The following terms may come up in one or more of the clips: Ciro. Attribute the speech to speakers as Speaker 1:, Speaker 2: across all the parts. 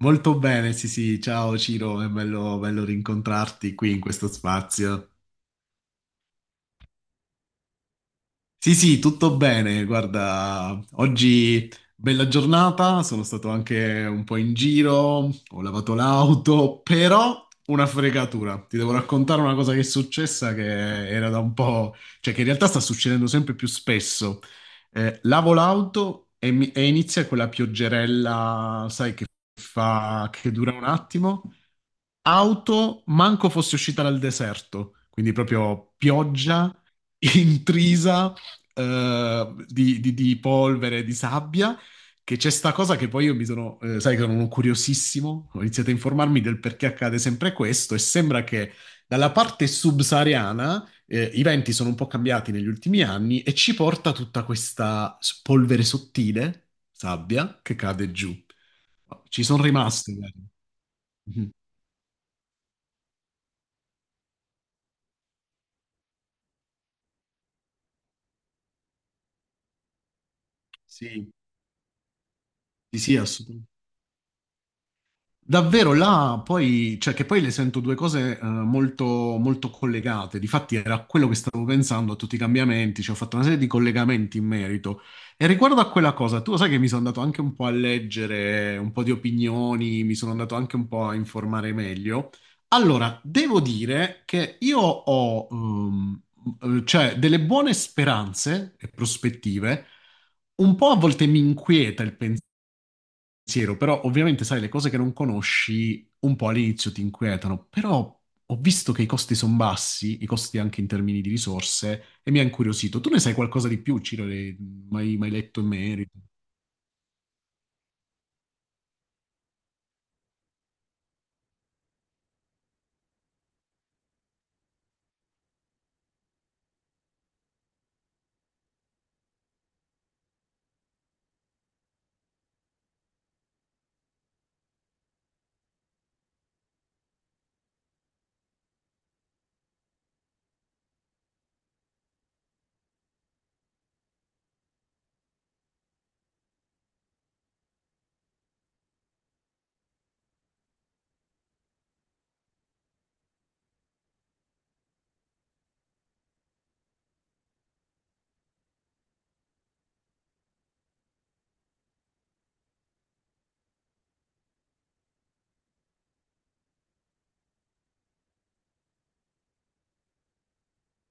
Speaker 1: Molto bene, sì, sì, ciao Ciro, è bello, bello rincontrarti qui in questo spazio. Sì, sì, tutto bene. Guarda, oggi bella giornata, sono stato anche un po' in giro, ho lavato l'auto, però una fregatura. Ti devo raccontare una cosa che è successa che era da un po', cioè che in realtà sta succedendo sempre più spesso. Lavo l'auto e, e inizia quella pioggerella, sai, che dura un attimo. Auto, manco fosse uscita dal deserto, quindi proprio pioggia intrisa di, di polvere, di sabbia, che c'è sta cosa che poi io mi sono, sai che sono curiosissimo, ho iniziato a informarmi del perché accade sempre questo e sembra che dalla parte subsahariana i venti sono un po' cambiati negli ultimi anni e ci porta tutta questa polvere sottile, sabbia, che cade giù. Ci sono rimasto, guarda. Mhm. Sì, sì, sì, assolutamente. Davvero là poi, cioè che poi le sento due cose molto, molto collegate. Difatti era quello che stavo pensando a tutti i cambiamenti, cioè ho fatto una serie di collegamenti in merito. E riguardo a quella cosa, tu lo sai che mi sono andato anche un po' a leggere un po' di opinioni, mi sono andato anche un po' a informare meglio. Allora, devo dire che io ho cioè, delle buone speranze e prospettive. Un po' a volte mi inquieta il pensiero, però ovviamente sai, le cose che non conosci un po' all'inizio ti inquietano, però ho visto che i costi sono bassi, i costi anche in termini di risorse, e mi ha incuriosito. Tu ne sai qualcosa di più, Ciro? Mai, mai letto in merito?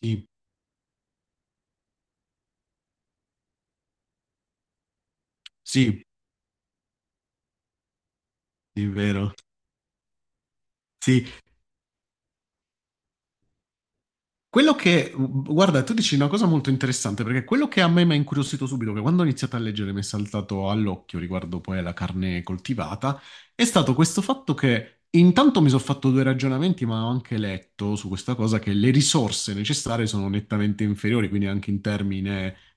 Speaker 1: Sì, sì, sì, è vero. Sì, quello che, guarda, tu dici una cosa molto interessante, perché quello che a me mi ha incuriosito subito, che quando ho iniziato a leggere mi è saltato all'occhio riguardo poi alla carne coltivata, è stato questo fatto che intanto mi sono fatto due ragionamenti, ma ho anche letto su questa cosa che le risorse necessarie sono nettamente inferiori, quindi anche in termini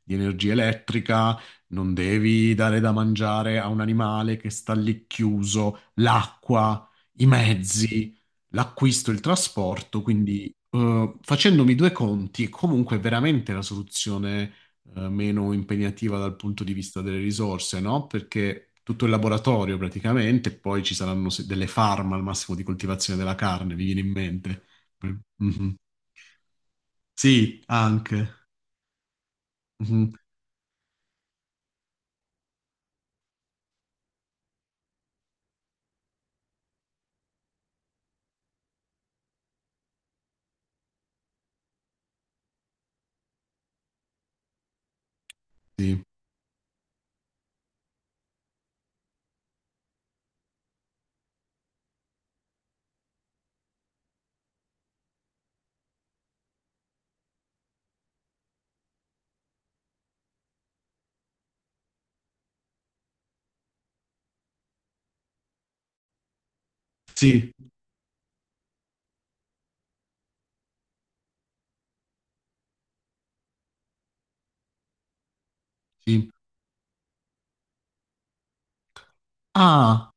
Speaker 1: di energia elettrica, non devi dare da mangiare a un animale che sta lì chiuso, l'acqua, i mezzi l'acquisto, il trasporto, quindi facendomi due conti è comunque veramente la soluzione meno impegnativa dal punto di vista delle risorse, no? Perché tutto il laboratorio praticamente, poi ci saranno delle farm al massimo di coltivazione della carne, vi viene in mente? Mhm. Sì, anche. Mhm. Sì, sì, sì. Ah,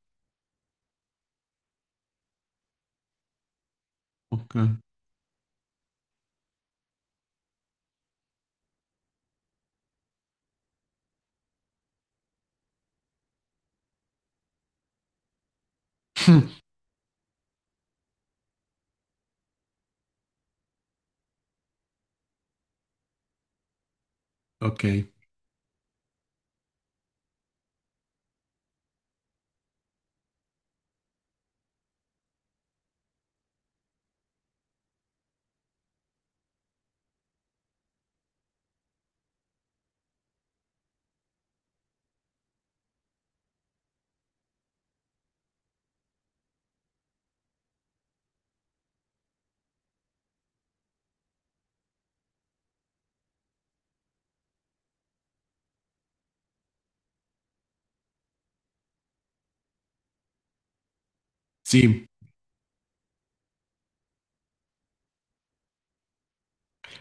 Speaker 1: ok. Ok, sì.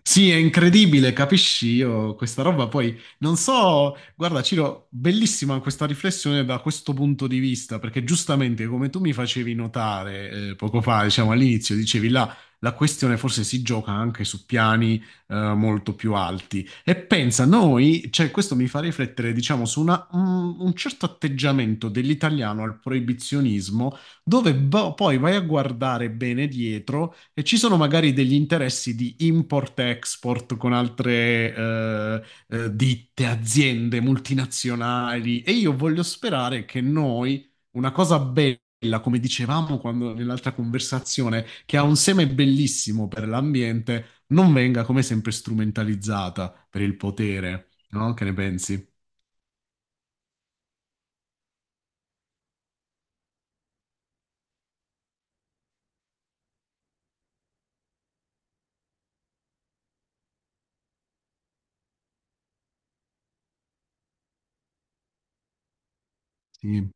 Speaker 1: Sì, è incredibile, capisci io questa roba. Poi non so, guarda, Ciro, bellissima questa riflessione da questo punto di vista, perché giustamente come tu mi facevi notare poco fa, diciamo all'inizio, dicevi là, la questione forse si gioca anche su piani molto più alti. E pensa, noi, cioè questo mi fa riflettere, diciamo, su un certo atteggiamento dell'italiano al proibizionismo dove poi vai a guardare bene dietro e ci sono magari degli interessi di import-export con altre ditte, aziende multinazionali e io voglio sperare che noi, una cosa bella, come dicevamo quando, nell'altra conversazione, che ha un seme bellissimo per l'ambiente, non venga come sempre strumentalizzata per il potere, no? Che ne pensi? Sì,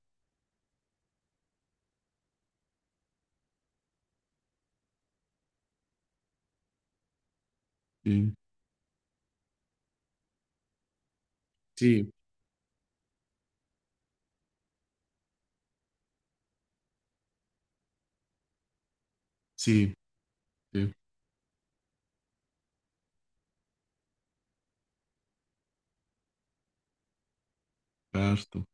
Speaker 1: sì, sì, sì, sì, certo.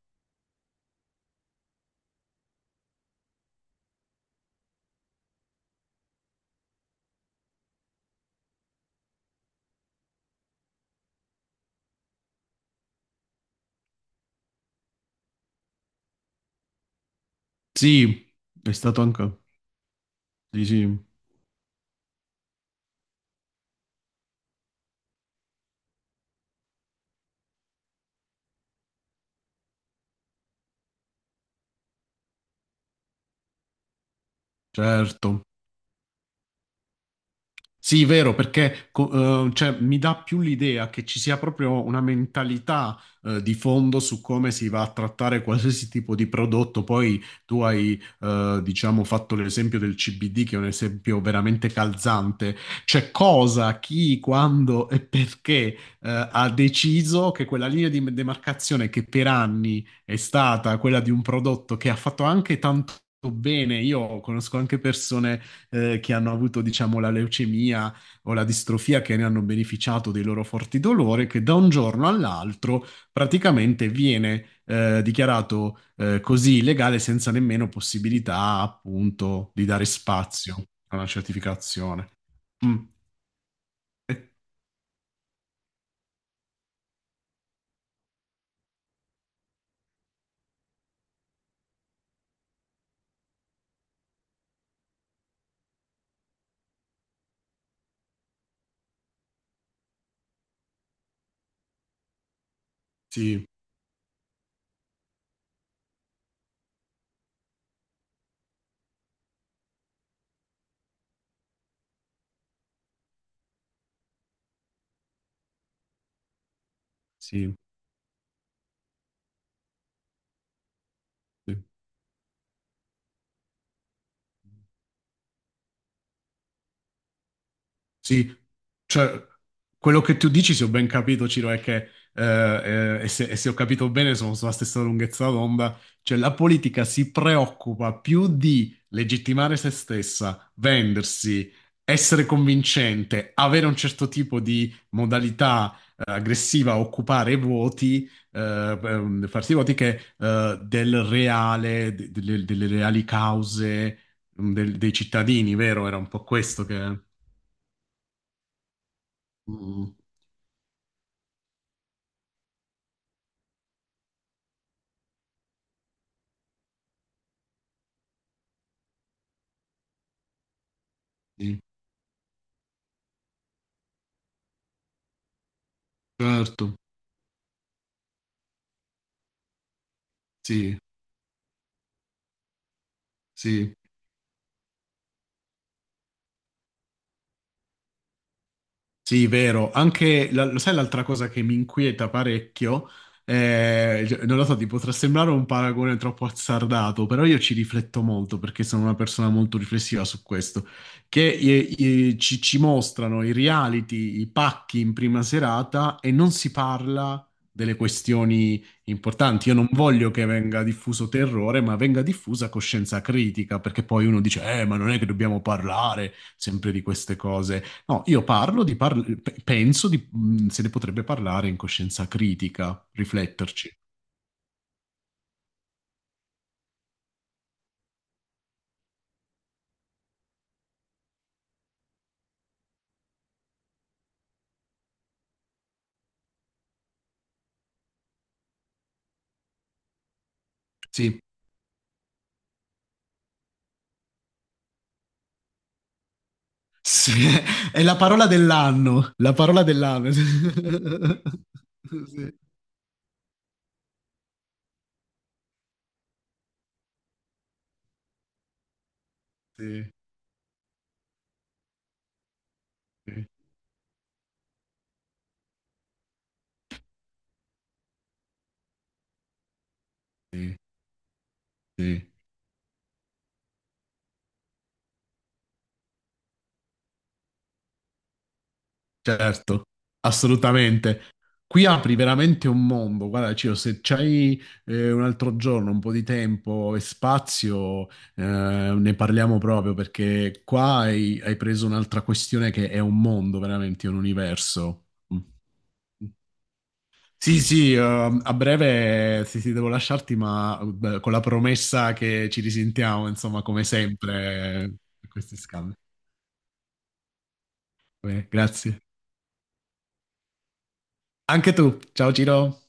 Speaker 1: Sì, è stato anche. Sì, sì, certo. Sì, vero, perché cioè, mi dà più l'idea che ci sia proprio una mentalità di fondo su come si va a trattare qualsiasi tipo di prodotto. Poi tu hai, diciamo, fatto l'esempio del CBD, che è un esempio veramente calzante. Cioè, cosa, chi, quando e perché ha deciso che quella linea di demarcazione che per anni è stata quella di un prodotto che ha fatto anche tanto bene. Io conosco anche persone che hanno avuto, diciamo, la leucemia o la distrofia, che ne hanno beneficiato dei loro forti dolori, che da un giorno all'altro praticamente viene dichiarato così illegale senza nemmeno possibilità, appunto, di dare spazio a una certificazione. Mm. Eh, sì, sì, sì. Sì, cioè, quello che tu dici, se ho ben capito, Ciro, è che, e se ho capito bene, sono sulla stessa lunghezza d'onda, cioè la politica si preoccupa più di legittimare se stessa, vendersi, essere convincente, avere un certo tipo di modalità, aggressiva, occupare i voti, farsi i voti, che, del reale, delle reali cause, dei cittadini, vero? Era un po' questo che. Mm. Sì, certo, sì, sì. Sì, vero. Anche, lo sai, l'altra cosa che mi inquieta parecchio, cioè, non lo so, ti potrà sembrare un paragone troppo azzardato, però io ci rifletto molto perché sono una persona molto riflessiva su questo, che ci mostrano i reality, i pacchi in prima serata e non si parla delle questioni importanti. Io non voglio che venga diffuso terrore, ma venga diffusa coscienza critica, perché poi uno dice, ma non è che dobbiamo parlare sempre di queste cose. No, io parlo di penso di, se ne potrebbe parlare in coscienza critica, rifletterci. Sì, sì, è la parola dell'anno, la parola dell'anno. Sì, sì, sì, sì, sì. Certo, assolutamente. Qui apri veramente un mondo. Guarda, Ciro, se c'hai un altro giorno, un po' di tempo e spazio, eh, ne parliamo proprio perché qua hai, preso un'altra questione che è un mondo, veramente, è un universo. Mm. Sì, sì, a breve sì, sì, devo lasciarti, ma con la promessa che ci risentiamo, insomma, come sempre, questi scambi. Beh, grazie. Anche tu. Ciao, Ciro.